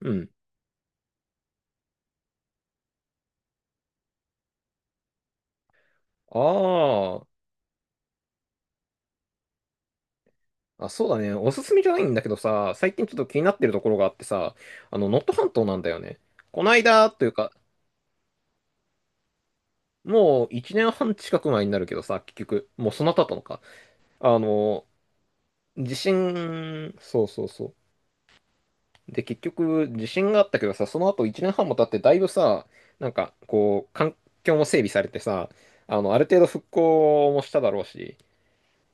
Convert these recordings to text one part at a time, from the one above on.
うん。ああ。あ、そうだね。おすすめじゃないんだけどさ、最近ちょっと気になってるところがあってさ、能登半島なんだよね。こないだというか、もう1年半近く前になるけどさ、結局、もうそんな経ったのか。あの、地震、そうそうそう。で、結局、地震があったけどさ、その後1年半も経って、だいぶさ、なんか、こう、環境も整備されてさ、ある程度復興もしただろうし、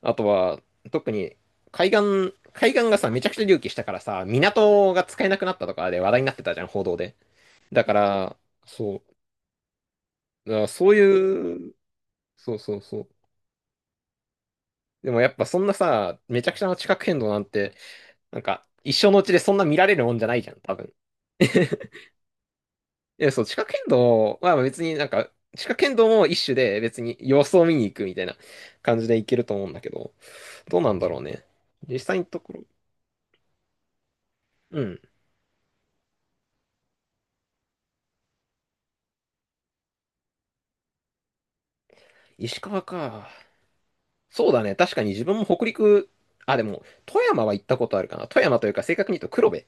あとは、特に海岸がさ、めちゃくちゃ隆起したからさ、港が使えなくなったとかで話題になってたじゃん、報道で。だから、そう、だからそういう、そうそうそう。でもやっぱそんなさ、めちゃくちゃな地殻変動なんて、なんか、一生のうちでそんな見られるもんじゃないじゃん、多分。いや、そう、地殻変動は別になんか、地殻変動も一種で別に様子を見に行くみたいな感じでいけると思うんだけど、どうなんだろうね。実際のところ、うん。石川か。そうだね。確かに自分も北陸、あ、でも、富山は行ったことあるかな。富山というか、正確に言うと黒部。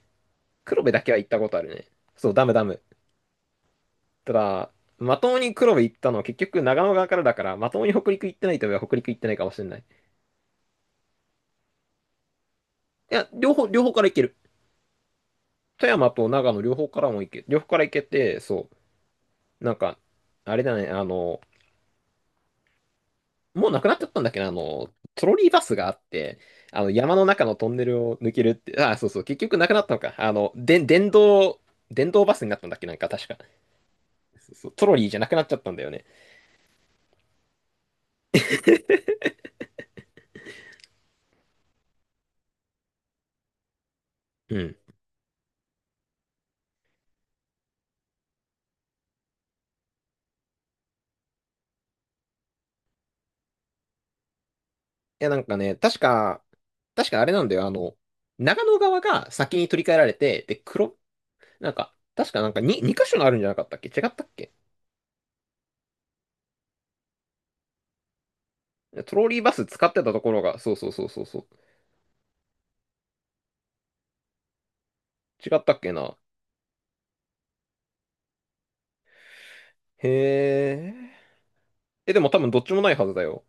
黒部だけは行ったことあるね。そう、ダムダム。ただ、まともに黒部行ったのは結局長野側からだから、まともに北陸行ってないといえば北陸行ってないかもしれない。いや、両方から行ける。富山と長野両方からも行け、両方から行けて、そう、なんか、あれだね、もうなくなっちゃったんだっけな、トロリーバスがあって、山の中のトンネルを抜けるって、あ、そうそう、結局なくなったのか。で、電動バスになったんだっけ、なんか確か。そうそうトロリーじゃなくなっちゃったんだよね。うん。いや、なんかね、確かあれなんだよ、長野側が先に取り替えられて、で、なんか、確かなんか2箇所あるんじゃなかったっけ違ったっけトロリーバス使ってたところが、そうそうそうそうそう。違ったっけな。へえ。え、でも多分どっちもないはずだよ。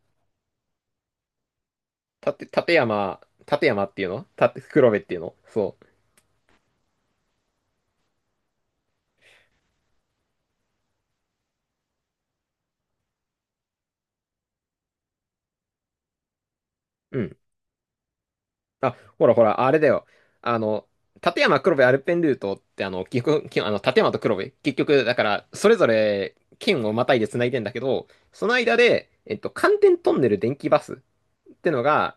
たて、立山、立山っていうの黒部っていうのそう。うん。あ、ほらほら、あれだよ。あの、立山黒部アルペンルートって、結局、きあの、立山と黒部、結局、だから、それぞれ県をまたいで繋いでんだけど、その間で、寒天トンネル電気バスってのが、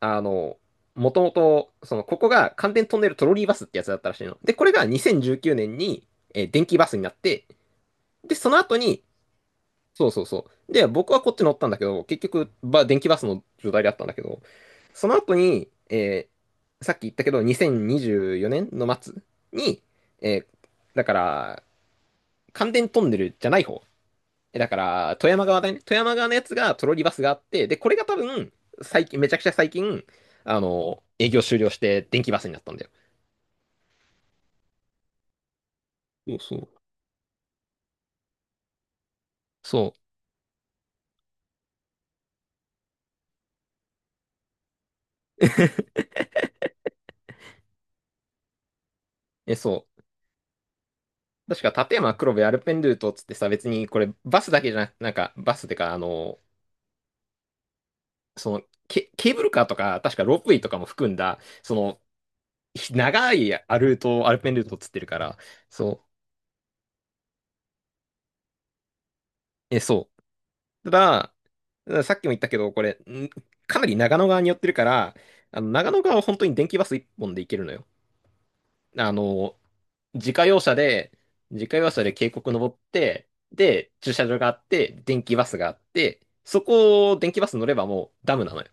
あの、もともと、その、ここが寒天トンネルトロリーバスってやつだったらしいの。で、これが2019年に、電気バスになって、で、その後に、そうそうそう。で、僕はこっち乗ったんだけど、結局、電気バスの状態であったんだけど、その後に、さっき言ったけど、2024年の末に、えーだから、関電トンネルじゃない方。だから、富山側だね。富山側のやつがトロリバスがあって、で、これが多分、最近、めちゃくちゃ最近、営業終了して電気バスになったんだよ。そうそう。そう。え、そう。確か、立山黒部アルペンルートっつってさ、別にこれバスだけじゃなく、なんかバスってか、そのケーブルカーとか、確かロープウェイとかも含んだ、その、長いアルペンルートをつってるから、そう、え、そう。ただ、さっきも言ったけど、これ、かなり長野側に寄ってるから、長野側は本当に電気バス一本で行けるのよ。あの、自家用車で、自家用車で渓谷登って、で、駐車場があって、電気バスがあって、そこを電気バス乗ればもうダムなのよ。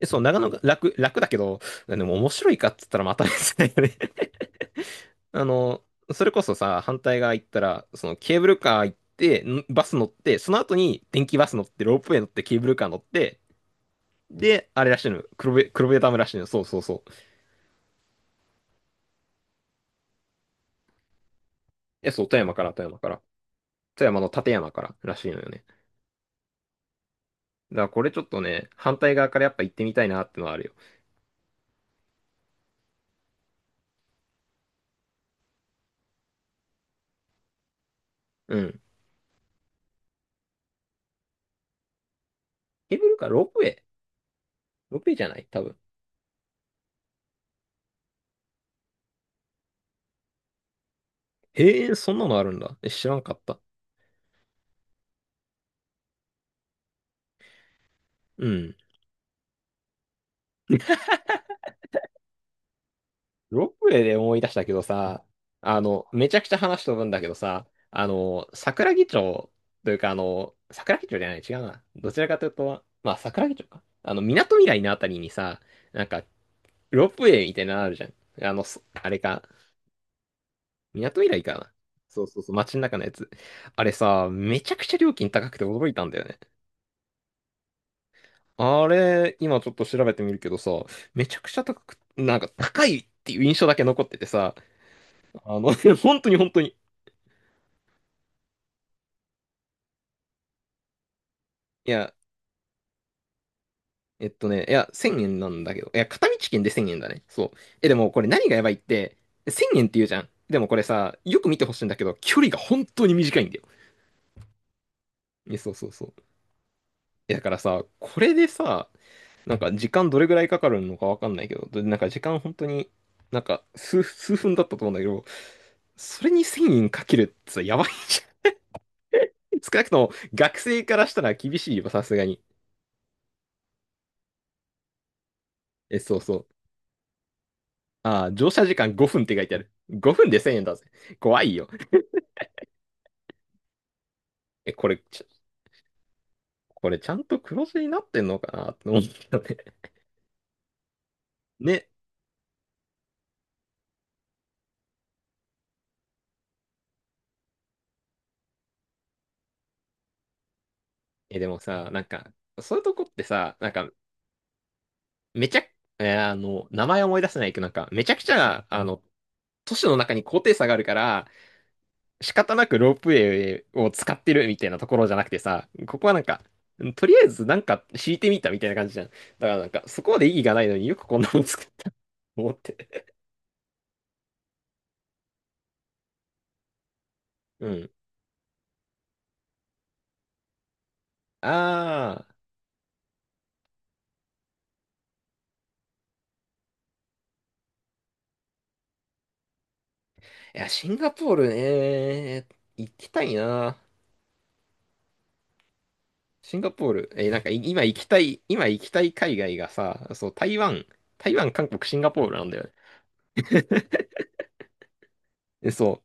え、そう、長野が楽だけど、でも面白いかっつったらまた別だよね。あの、それこそさ、反対側行ったら、そのケーブルカー行って、バス乗って、その後に電気バス乗って、ロープウェイ乗って、ケーブルカー乗って、で、あれらしいのよ、黒部ダムらしいのよ、そうそうそう。え、そう、富山から、富山から。富山の立山かららしいのよね。だからこれちょっとね、反対側からやっぱ行ってみたいなってのはあるよ。うん。ケーブルカー、ロープウェイじゃない多分。へえ、そんなのあるんだ。え、知らんかった。うん。ロープレイで思い出したけどさ、めちゃくちゃ話飛ぶんだけどさ、桜木町というか、桜木町じゃない、違うな。どちらかというと、まあ、桜木町か。港未来のあたりにさ、なんか、ロープウェイみたいなのあるじゃん。あれか、港未来かな。そうそうそう、街の中のやつ。あれさ、めちゃくちゃ料金高くて驚いたんだよね。あれ、今ちょっと調べてみるけどさ、めちゃくちゃ高く、なんか高いっていう印象だけ残っててさ、本当に本当に。いや、いや、1000円なんだけど。いや、片道券で1000円だね。そう。え、でもこれ何がやばいって、1000円って言うじゃん。でもこれさ、よく見てほしいんだけど、距離が本当に短いんだよ。え、そうそうそう。だからさ、これでさ、なんか時間どれぐらいかかるのかわかんないけど、でなんか時間本当に、なんか数分だったと思うんだけど、それに1000円かけるってさ、やばいじゃん。少なくとも学生からしたら厳しいよ、さすがに。え、そうそう。ああ、乗車時間5分って書いてある。5分で1000円だぜ。怖いよ。え、これちゃんと黒字になってんのかなって思ったね。ね。え、でもさ、なんか、そういうとこってさ、なんか、めちゃ、名前思い出せないけど、なんか、めちゃくちゃ、都市の中に高低差があるから、仕方なくロープウェイを使ってるみたいなところじゃなくてさ、ここはなんか、とりあえずなんか敷いてみたみたいな感じじゃん。だからなんか、そこまで意義がないのによくこんなの作ったと思って。うん。ああ、いや、シンガポールね、行きたいな。シンガポール、なんか今行きたい海外がさ、そう、台湾、韓国、シンガポールなんだよね。え、そ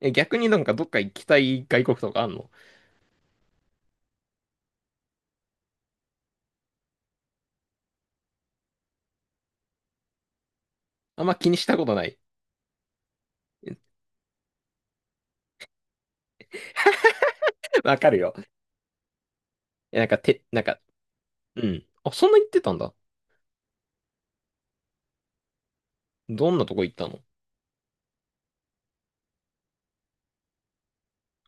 う。え、逆になんかどっか行きたい外国とかあんの。あんま気にしたことない。わかるよ。え、なんか、なんか、うん。あ、そんな行ってたんだ。どんなとこ行ったの。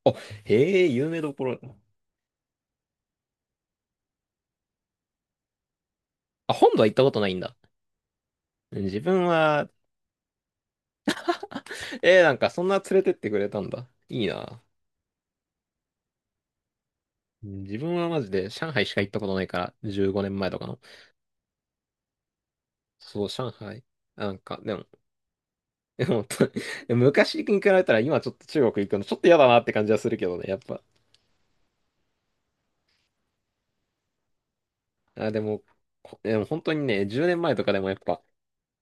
あ、へえ、有名どころ。あ、本土は行ったことないんだ。自分は、なんかそんな連れてってくれたんだ。いいな。自分はマジで上海しか行ったことないから、15年前とかの。そう、上海。なんか、でも、本当に昔に比べたら今ちょっと中国行くのちょっと嫌だなって感じはするけどね、やっぱ。あ、でも、でも本当にね、10年前とかでもやっぱ、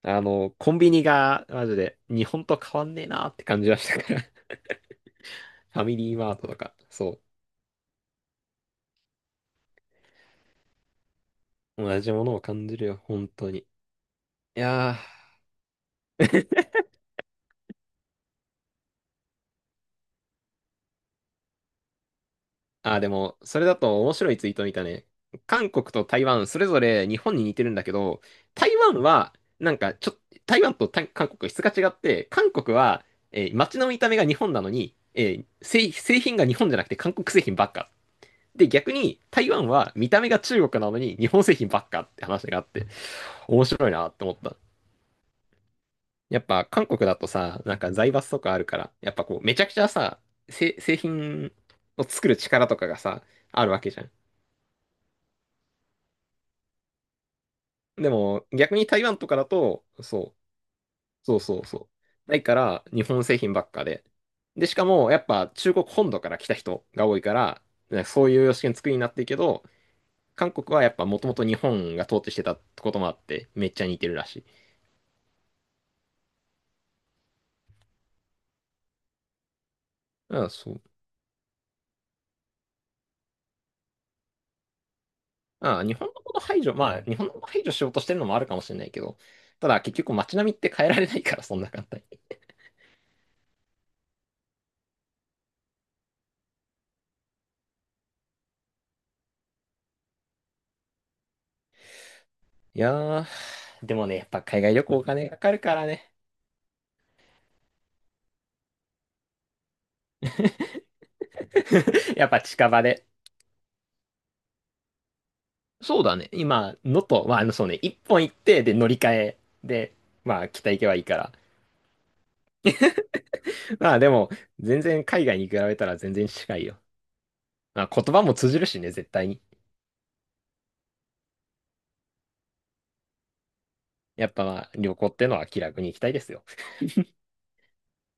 コンビニがマジで日本と変わんねえなって感じはしたから。ファミリーマートとか、そう。同じものを感じるよ、本当に。いやー。ああ、でも、それだと面白いツイート見たね。韓国と台湾、それぞれ日本に似てるんだけど、台湾は、なんか、台湾と台韓国は質が違って、韓国は、街の見た目が日本なのに、製品が日本じゃなくて韓国製品ばっか。で、逆に台湾は見た目が中国なのに日本製品ばっかって話があって、面白いなって思った。やっぱ韓国だとさ、なんか財閥とかあるから、やっぱこう、めちゃくちゃさ、製品を作る力とかがさ、あるわけじゃん。でも逆に台湾とかだと、そう、そうそうそう。ないから日本製品ばっかで。で、しかもやっぱ中国本土から来た人が多いから、なんかそういう様式の作りになってるけど、韓国はやっぱもともと日本が統治してたこともあって、めっちゃ似てるらしい。うん、そう。ああ、日本のこと排除、まあ、日本のこと排除しようとしてるのもあるかもしれないけど、ただ結局街並みって変えられないから、そんな簡単に。いやー、でもね、やっぱ海外旅行お金かかるからね。やっぱ近場で。そうだね。今、のとまあ、そうね、一本行って、で、乗り換えで、まあ、北行けばいいから。まあ、でも、全然海外に比べたら全然近いよ。まあ、言葉も通じるしね、絶対に。やっぱ、まあ、旅行ってのは気楽に行きたいですよ。